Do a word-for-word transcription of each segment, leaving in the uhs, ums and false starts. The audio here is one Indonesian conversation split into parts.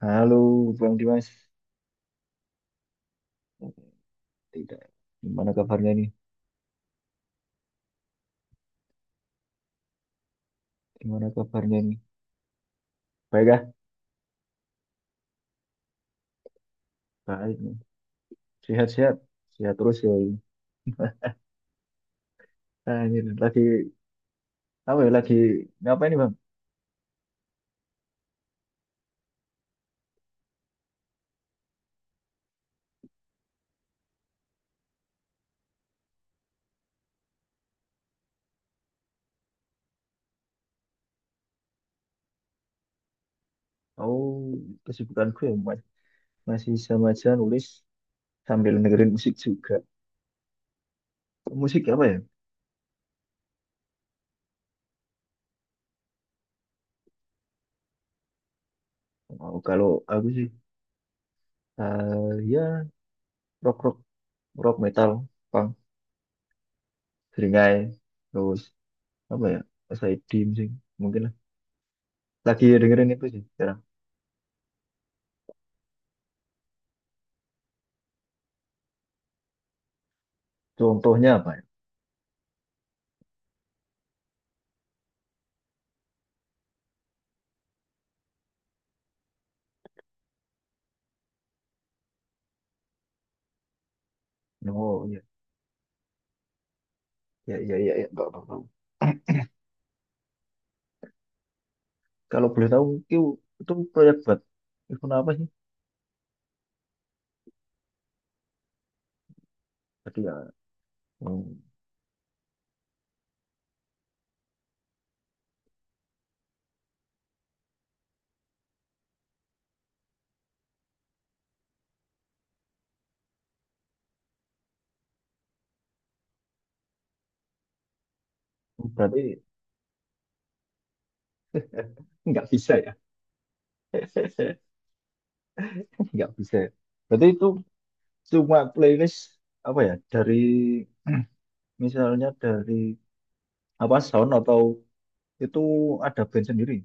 Halo, Bang Dimas. Tidak. Gimana kabarnya nih? Gimana kabarnya nih? Baik ah? Baik nih. Sehat-sehat. Sehat terus ya. Ini. Nah, ini lagi apa ya? Lagi ngapain nih, Bang? Oh, kesibukanku ya ma- masih sama aja nulis sambil dengerin musik juga. Musik apa ya? Oh, kalau aku sih eh, ya rock rock rock metal, punk, seringai, terus apa ya? S I D musik mungkin lah. Lagi dengerin itu sih sekarang. Contohnya apa ya? Oh iya, ya ya ya, ya. Nggak apa-apa. Kalau boleh tahu itu itu proyek buat event apa sih? Tadi ya, hmm, berarti nggak bisa ya, nggak bisa. Ya. Berarti itu cuma playlist apa ya? Dari misalnya dari apa sound atau itu ada band sendiri?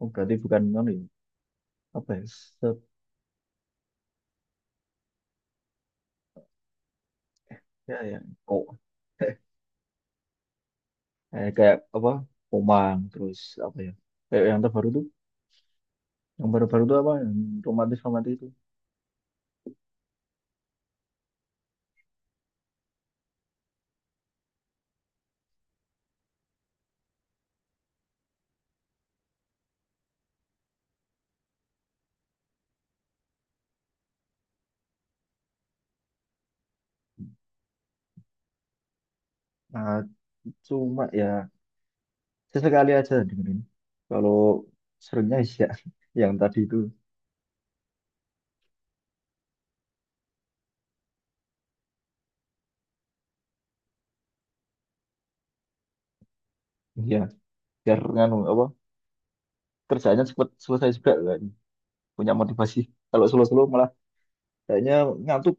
Oh berarti bukan anu ya, apa ya? Set, ya, ya. Oh, kayak kayak apa? Komang terus apa ya? Kayak yang terbaru tuh, yang baru-baru tuh apa? Yang romantis romantis itu. Nah, cuma ya sesekali aja dengerin. Kalau seringnya sih ya yang tadi itu ya biar nganu apa kerjaannya cepet selesai juga kan. Punya motivasi. Kalau slow-slow malah kayaknya ngantuk.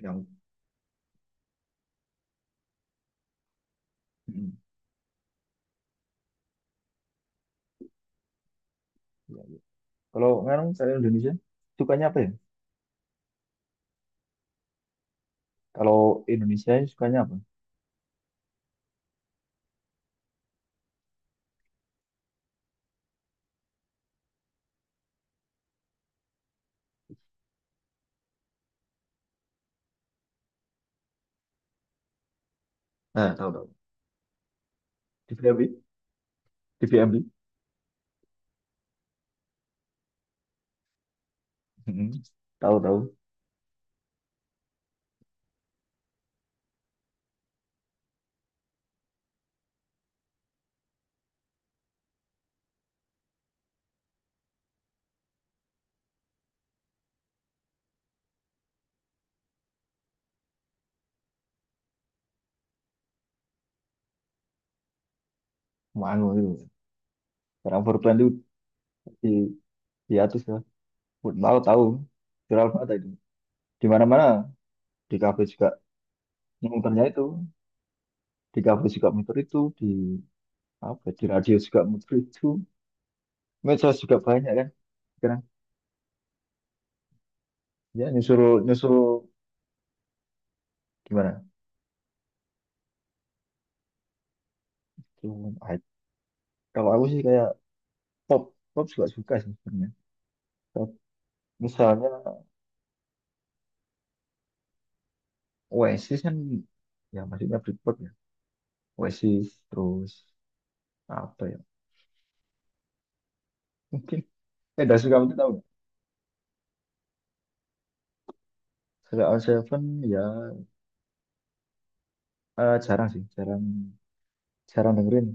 Yang mm. Ya, ya. Kalau nganu saya Indonesia sukanya apa ya? Kalau Indonesia sukanya apa? Nah, tahu tahu. D V M B, D V M B. Mm-mm. Tahu tahu. Manu itu. Orang empat dua nol itu di di atas ya. Mau tahu. Viral banget itu. Di mana-mana di kafe juga muternya itu di kafe juga muter itu di apa di radio juga muter itu medsos juga banyak kan sekarang ya nyusul nyusul gimana tuh ah, kalau aku sih kayak pop pop juga suka sih sebenarnya. Pop. Misalnya Oasis kan ya maksudnya Britpop ya Oasis terus apa ya mungkin eh dah suka itu tahu nggak? Suka Out Seven ya eh, jarang sih jarang jarang dengerin.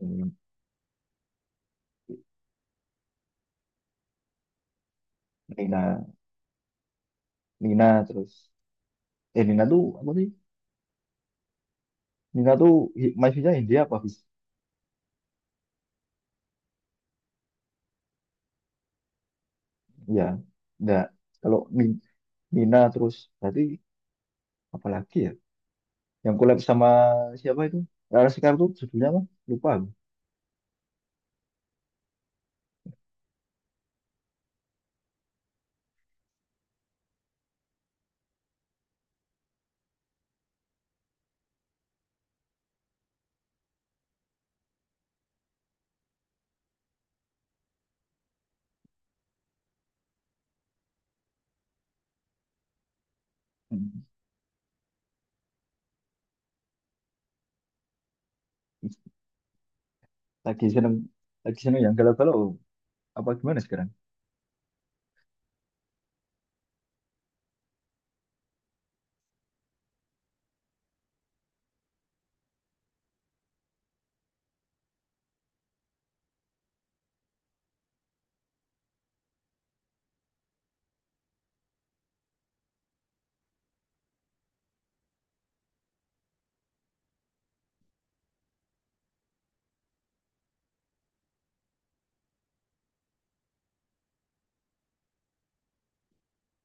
Hmm, Nina Nina terus eh Nina tuh apa sih Nina tuh hi- mahasiswanya India apa Fis? Ya, enggak. Kalau Ni- Nina terus berarti apa lagi ya? Yang collab sama siapa itu? Rara Sekar tuh judulnya apa? Lupa aku. Hmm. Lagi seneng, lagi seneng yang galau-galau apa gimana sekarang?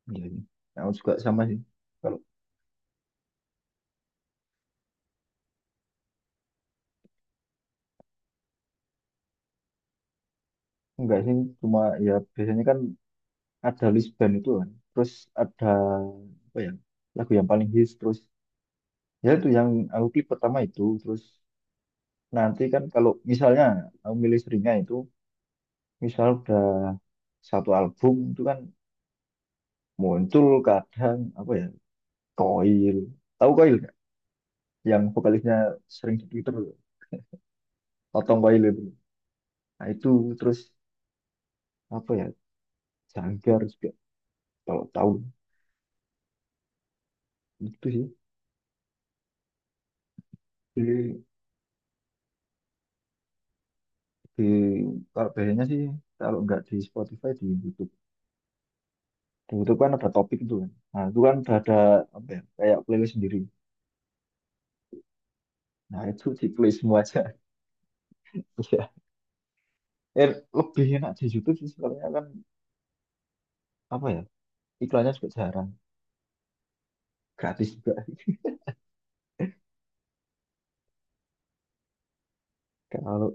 Iya, iya. Aku juga sama sih. Kalau enggak sih, cuma ya biasanya kan ada list band itu kan. Terus ada apa ya? Lagu yang paling hits terus ya itu yang aku klik pertama itu terus nanti kan kalau misalnya aku milih seringnya itu misal udah satu album itu kan muncul kadang apa ya Koil tahu Koil nggak yang vokalisnya sering di Twitter tuh, Otong Koil itu nah itu terus apa ya Jangkar juga kalau tahu itu sih di, di kalau bandnya sih kalau nggak di Spotify di YouTube di YouTube kan ada topik itu kan nah itu kan udah ada apa ya kayak playlist sendiri nah itu ditulis semua aja ya eh, lebih enak di YouTube sih soalnya kan apa ya iklannya juga jarang gratis juga. Kalau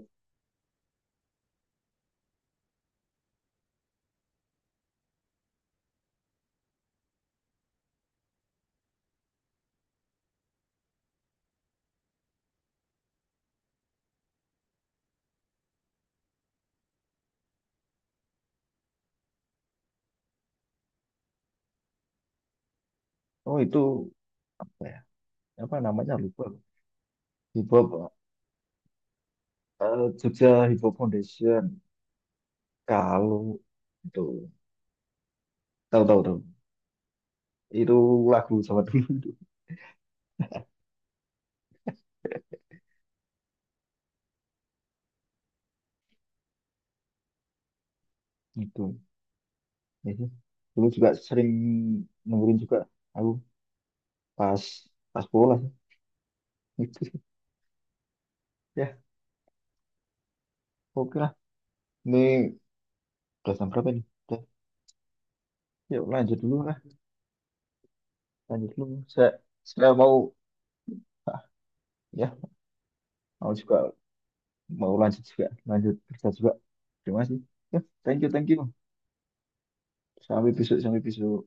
oh itu apa ya? Apa namanya lupa aku. Hip Hop eh, Jogja Hip Hop Foundation. Kalau itu tahu tahu tahu. Itu lagu sama dulu itu. Itu. Ya sih. Dulu juga sering dengerin juga aku pas pas bola sih. Gitu sih. Ya, oke lah. Ini udah jam berapa nih? Udah. Yuk lanjut dulu lah. Lanjut dulu. Saya saya mau ah, ya, mau juga mau lanjut juga, lanjut kerja juga. Terima kasih. Ya, thank you, thank you. Sampai besok, sampai besok.